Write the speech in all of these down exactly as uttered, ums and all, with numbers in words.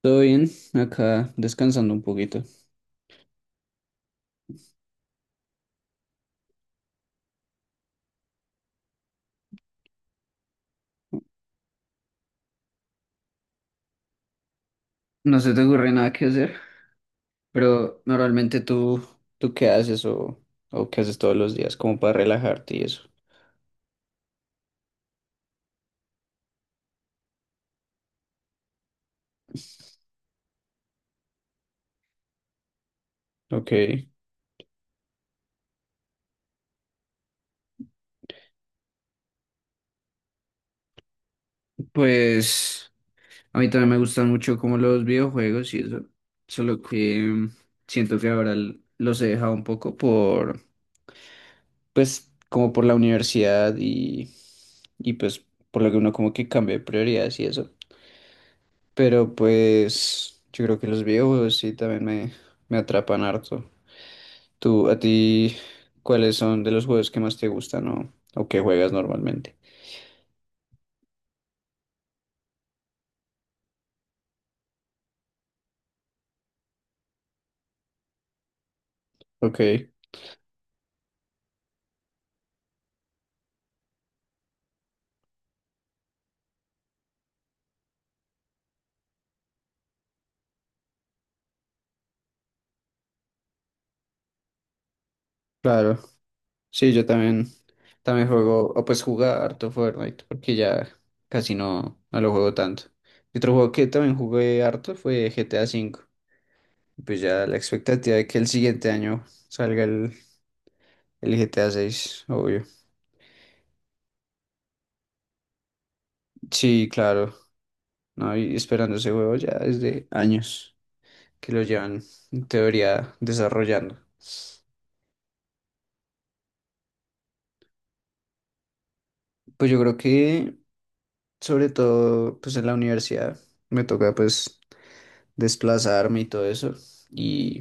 Todo bien, acá descansando un poquito. No se te ocurre nada que hacer, pero normalmente tú, ¿tú qué haces o, o qué haces todos los días como para relajarte y eso? Ok, pues a mí también me gustan mucho como los videojuegos y eso, solo que mm, siento que ahora l- los he dejado un poco por, pues como por la universidad y, y pues por lo que uno como que cambia de prioridades y eso. Pero pues yo creo que los videojuegos sí también me, me atrapan harto. Tú, a ti, ¿cuáles son de los juegos que más te gustan o, o que juegas normalmente? Ok, claro. Sí, yo también, también juego, o pues jugaba harto Fortnite, porque ya casi no, no lo juego tanto. Y otro juego que también jugué harto fue G T A quinto. Y pues ya la expectativa de que el siguiente año salga el, el G T A seis, obvio. Sí, claro. No, y esperando ese juego ya desde años que lo llevan en teoría desarrollando. Pues yo creo que sobre todo pues en la universidad me toca pues desplazarme y todo eso. Y,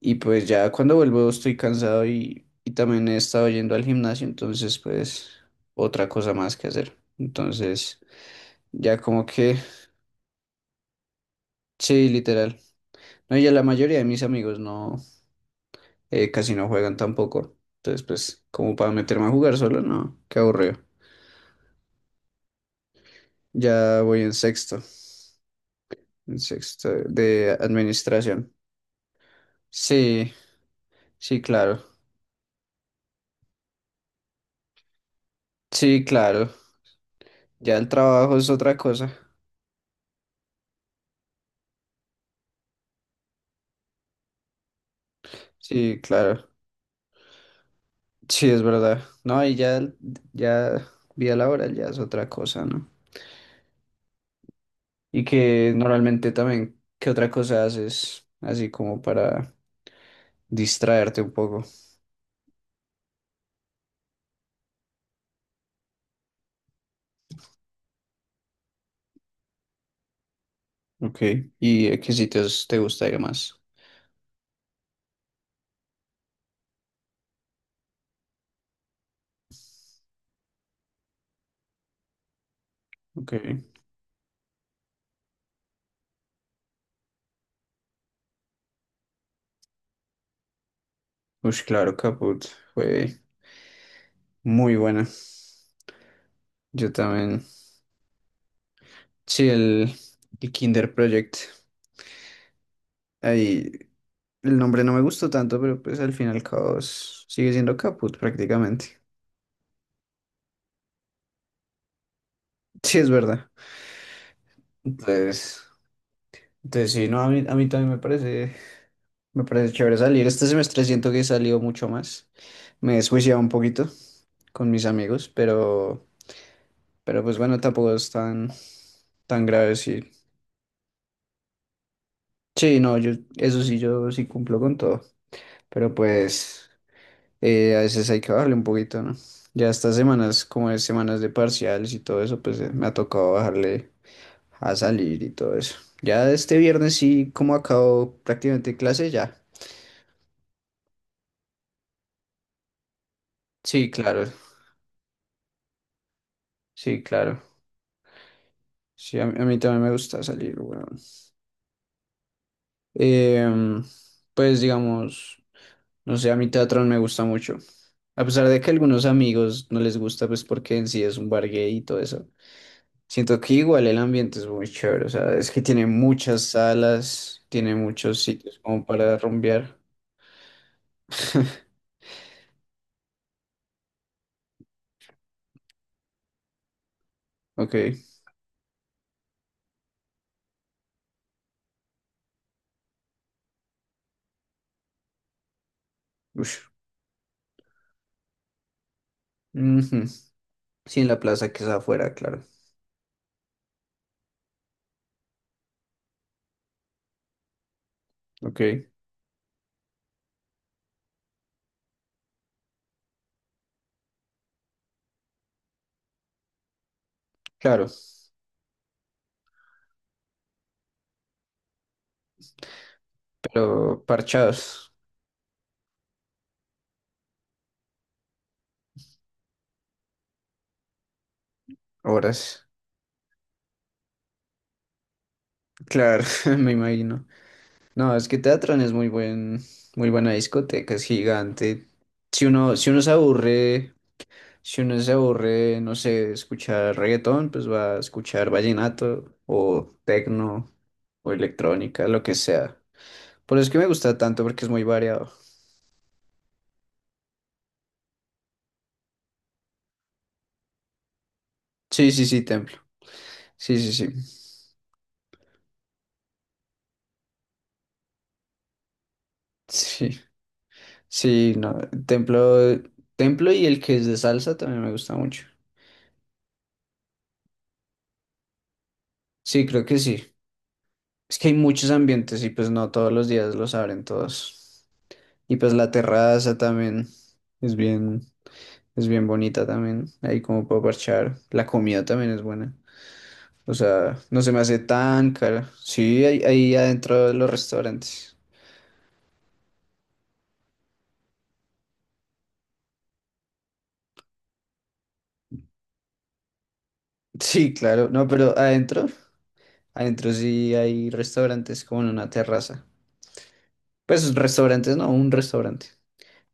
y pues ya cuando vuelvo estoy cansado y, y también he estado yendo al gimnasio, entonces pues otra cosa más que hacer. Entonces ya como que sí, literal. No, y ya la mayoría de mis amigos no. eh, casi no juegan tampoco. Entonces, pues, como para meterme a jugar solo, no, qué aburrido. Ya voy en sexto, en sexto de administración. Sí, sí, claro. Sí, claro. Ya el trabajo es otra cosa. Sí, claro. Sí, es verdad. No, y ya, el- ya vida laboral ya es otra cosa, ¿no? Y que normalmente también, ¿qué otra cosa haces? Así como para distraerte un poco. Ok. ¿Y a qué sitios te gusta ir más? Ok. Ush, claro, Caput fue muy buena. Yo también. Sí, el, el Kinder Project. Ahí el nombre no me gustó tanto, pero pues al fin y al cabo es- sigue siendo Caput prácticamente. Sí, es verdad. Entonces, entonces sí, no, a mí, a mí también me parece, me parece chévere salir. Este semestre siento que he salido mucho más. Me he desjuiciado un poquito con mis amigos, pero, pero pues bueno, tampoco es tan, tan grave, sí. Sí, no, yo, eso sí, yo sí cumplo con todo. Pero pues eh, a veces hay que bajarle un poquito, ¿no? Ya estas semanas, como es semanas de parciales y todo eso, pues eh, me ha tocado bajarle a salir y todo eso. Ya este viernes sí, como acabo prácticamente clase, ya. Sí, claro, sí, claro. Sí, a mí, a mí también me gusta salir, bueno. Em, pues digamos, no sé, a mí Teatrón me gusta mucho. A pesar de que a algunos amigos no les gusta, pues porque en sí es un bar gay y todo eso. Siento que igual el ambiente es muy chévere, o sea, es que tiene muchas salas, tiene muchos sitios como para rumbear. Ok, ush. Ujú. Sí, en la plaza que es afuera, claro. Ok, claro, pero parchados, horas. Claro, me imagino. No, es que Teatrón es muy buen, muy buena discoteca, es gigante. Si uno, si uno se aburre Si uno se aburre, no sé, de escuchar reggaetón, pues va a escuchar vallenato o tecno o electrónica, lo que sea. Por eso es que me gusta tanto porque es muy variado. Sí, sí, sí, Templo. Sí, sí, sí. Sí, sí, no. Templo, Templo y el que es de salsa también me gusta mucho. Sí, creo que sí. Es que hay muchos ambientes y pues no todos los días los abren todos. Y pues la terraza también es bien, es bien bonita también. Ahí como para parchar. La comida también es buena. O sea, no se me hace tan cara. Sí, ahí, ahí adentro de los restaurantes. Sí, claro. No, pero adentro, adentro sí hay restaurantes como en una terraza. Pues restaurantes, no, un restaurante.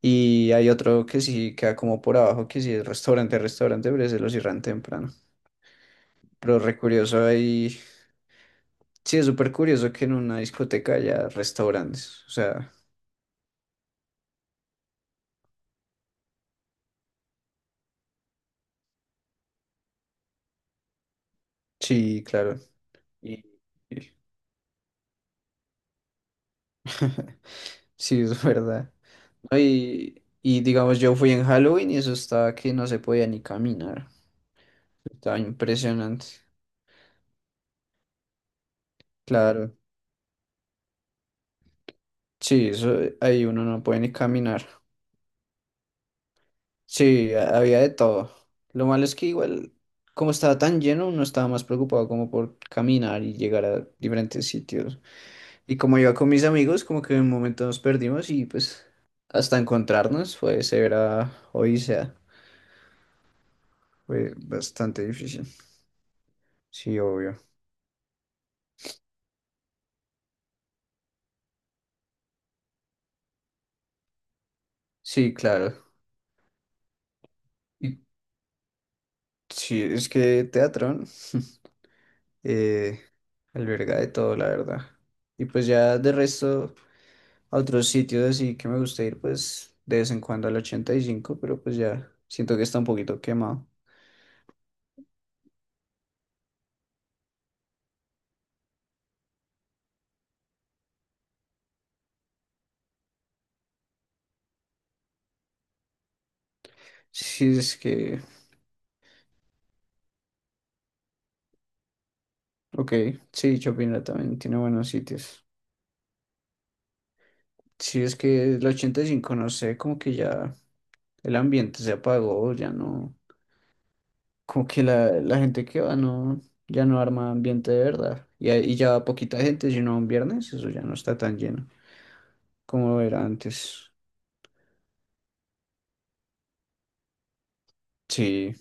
Y hay otro que sí queda como por abajo, que sí es restaurante, restaurante, pero ese lo cierran temprano. Pero re curioso ahí. Sí, es súper curioso que en una discoteca haya restaurantes. O sea, sí, claro. Y, y- Sí, es verdad. ¿No? Y, y digamos, yo fui en Halloween y eso estaba que no se podía ni caminar. Estaba impresionante. Claro. Sí, eso, ahí uno no puede ni caminar. Sí, ha- había de todo. Lo malo es que igual, como estaba tan lleno, uno estaba más preocupado como por caminar y llegar a diferentes sitios. Y como iba con mis amigos, como que en un momento nos perdimos y pues hasta encontrarnos fue severa odisea. Fue bastante difícil. Sí, obvio. Sí, claro. ¿Y Sí, es que Teatrón eh, alberga de todo, la verdad. Y pues ya de resto, a otros sitios así que me gusta ir, pues de vez en cuando al ochenta y cinco, pero pues ya siento que está un poquito quemado. Sí, es que, ok, sí, Chopinla también tiene buenos sitios. Sí, es que el ochenta y cinco no sé, como que ya el ambiente se apagó, ya no, como que la, la gente que va no, ya no arma ambiente de verdad. Y, ahí- y ya va poquita gente, sino un viernes, eso ya no está tan lleno. Como era antes. Sí,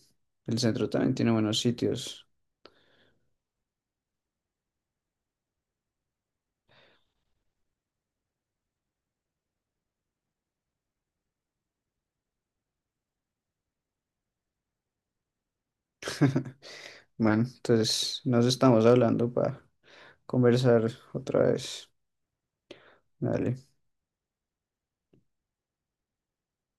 el centro también tiene buenos sitios. Bueno, entonces nos estamos hablando para conversar otra vez. Dale.